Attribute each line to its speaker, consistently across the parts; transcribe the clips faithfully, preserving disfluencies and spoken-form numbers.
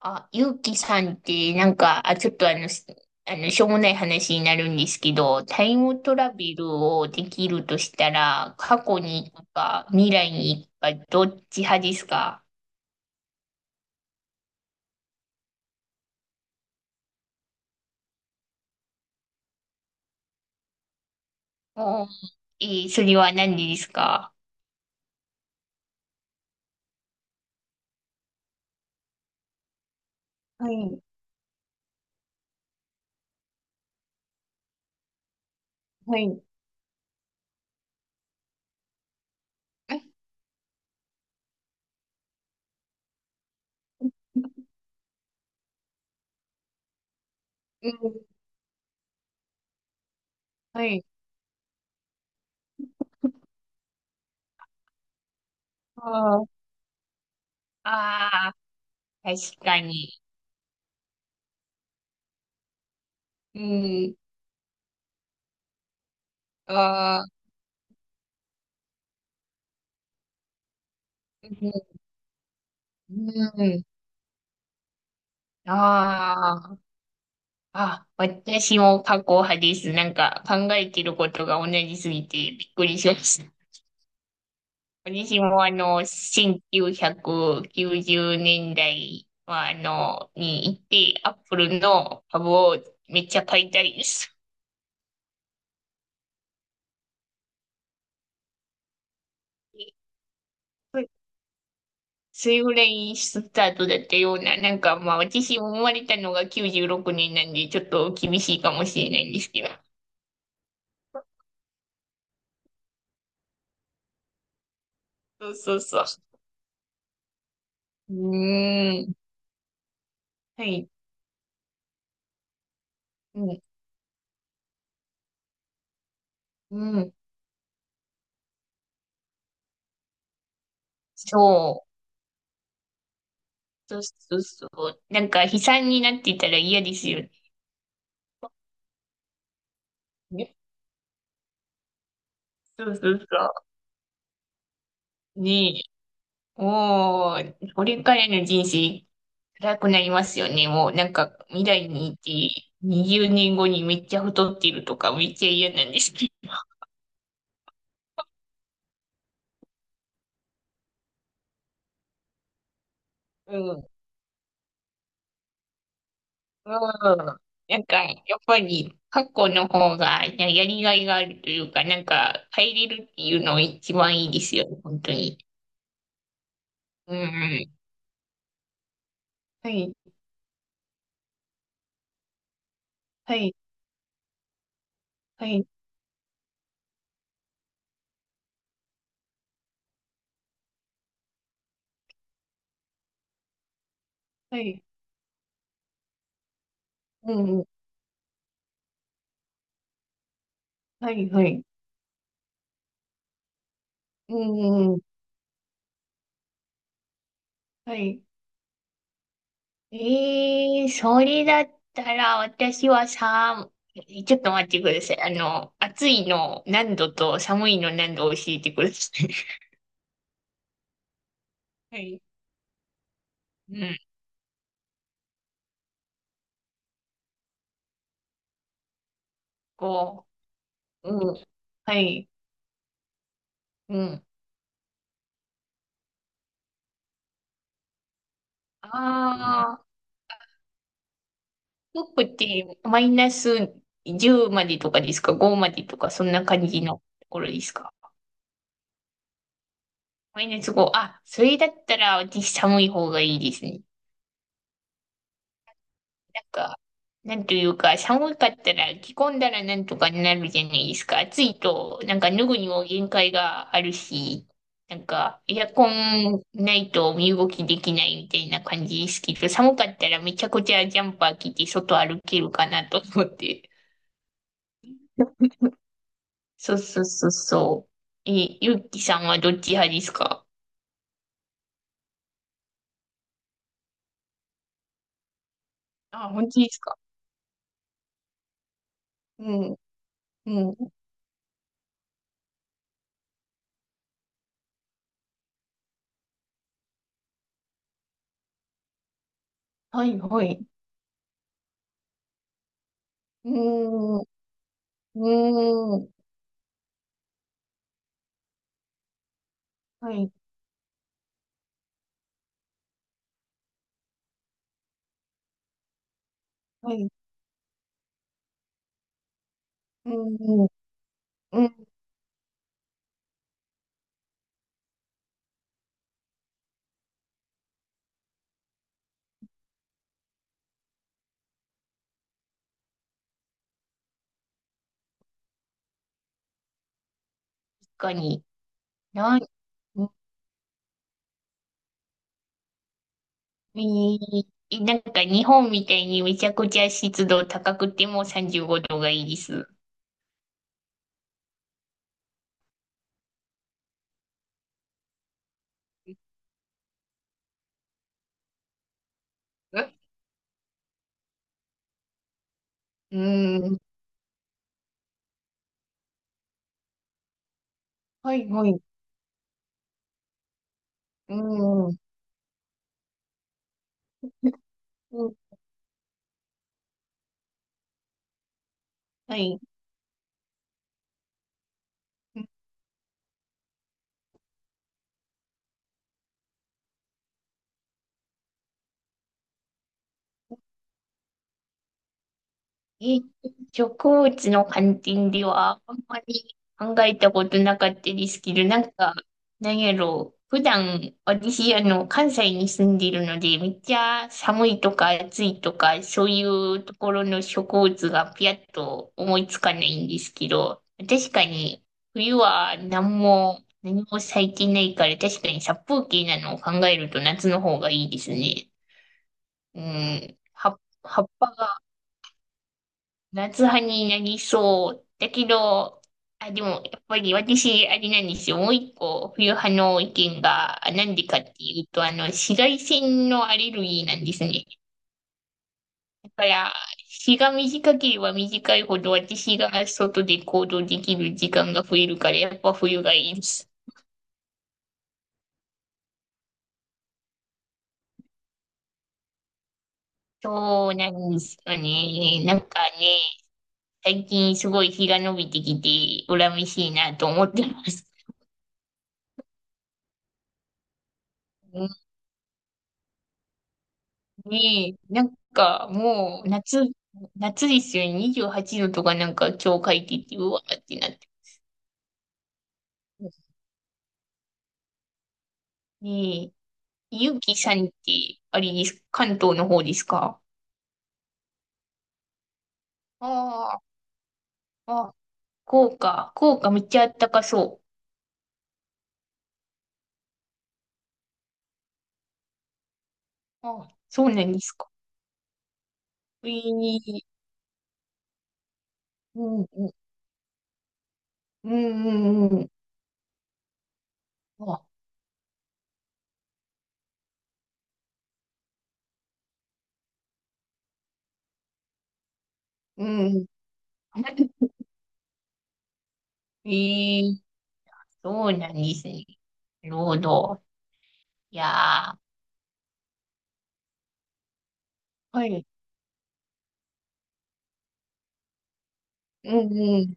Speaker 1: あ、ゆうきさんって、なんか、あ、ちょっとあの、しあの、しょうもない話になるんですけど、タイムトラベルをできるとしたら、過去に行くか、未来に行くか、どっち派ですか？おー、えーそれは何でですか？はい、はい、うん。はい。あーあー、確かに。うん。ああ、うん。うん。あああ、私も過去派です。なんか考えてることが同じすぎてびっくりしました。私もあの、せんきゅうひゃくきゅうじゅうねんだいはあの、に行って、アップルの株をめっちゃ買いたいです。それぐらいスタートだったような、なんかまあ私も生まれたのがきゅうじゅうろくねんなんで、ちょっと厳しいかもしれないんですけど。そうそうそう。うーん。はい。うん。うん。そう。そうそうそう。なんか悲惨になっていたら嫌ですよね。ね。そうそうそう。ねえ。もう、これからの人生辛くなりますよね。もうなんか未来にいてにじゅうねんごにめっちゃ太ってるとかめっちゃ嫌なんですけど。うん。うん。なんかやっぱり過去の方がややりがいがあるというか、なんか変えれるっていうのが一番いいですよね。本当に。うんうん。はい。はい。はい。はい。うん。はい、はい。うんうん、はい。ええ、それだったら、私はさ、ちょっと待ってください。あの、暑いの何度と寒いの何度を教えてください。はい。うん。こう、うん。はい。うん。ああ、服ってマイナスじゅうまでとかですか？ ご までとか、そんな感じのところですか？マイナスご。あ、それだったら、私寒い方がいいですね。なんか、なんというか、寒かったら着込んだらなんとかなるじゃないですか。暑いと、なんか脱ぐにも限界があるし、なんか、エアコンないと身動きできないみたいな感じですけど、寒かったらめちゃくちゃジャンパー着て外歩けるかなと思って。そうそうそうそう。え、ゆうきさんはどっち派ですか？あ、本当ですか？うん、うん。はい、はい。うーん、うーん。はい、はい。うん、うん、かに。なん、いいなんか日本みたいにめちゃくちゃ湿度高くてもさんじゅうごどがいいです。え。うん。はい、はい。うん。うん。はい。え、植物の観点ではあんまり考えたことなかったですけど、なんか、なんやろう。普段、私、あの、関西に住んでいるので、めっちゃ寒いとか暑いとか、そういうところの植物がピヤッと思いつかないんですけど、確かに、冬は何も、何も咲いてないから、確かに殺風景なのを考えると夏の方がいいですね。うん。葉っぱ、葉っぱが夏派になりそう。だけど、あ、でも、やっぱり私、あれなんですよ。もう一個、冬派の意見が、あ、なんでかっていうと、あの、紫外線のアレルギーなんですね。だから、日が短ければ短いほど、私が外で行動できる時間が増えるから、やっぱ冬がいいです。そうなんですよね。なんかね、最近すごい日が伸びてきて、恨めしいなと思ってます。うに、なんかもう夏、夏ですよね。にじゅうはちどとかなんか今日書いてて、うわーってなって。ねえ、ゆうきさんって、あれです、関東の方ですか？ああ、あ、福岡、福岡めっちゃあったかそう。あ、そうなんですか。ええ、うん、うん、うん、うん、うん。あ、うん。ええ、そうなんですね。なるほど。いやー、はい。うん、うん、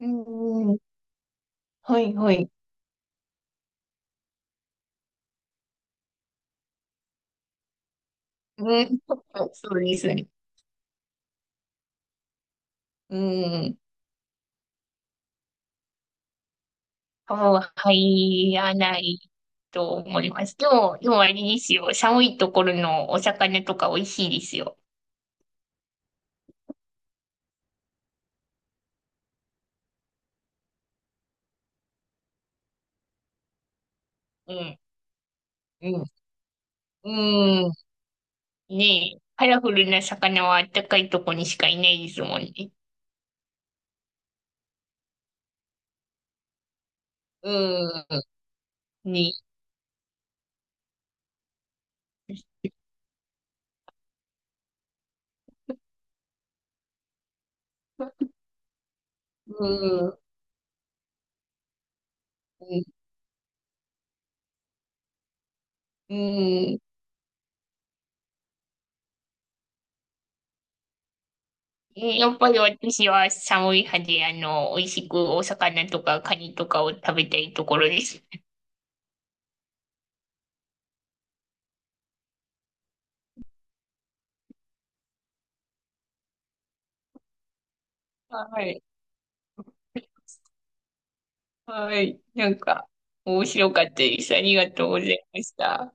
Speaker 1: うん、うん。はいはい。うん、そうですね。うん。もう入らないと思います。でも、でもあれですよ。寒いところのお魚とか美味しいですよ。うん、うん、うん。ねえ、カラフルな魚はあったかいとこにしかいないですもんね。うん、ねえ。うん、うん。うん。やっぱり私は寒い派で、あの、美味しくお魚とかカニとかを食べたいところです。はい。はい。なんか、面白かったです。ありがとうございました。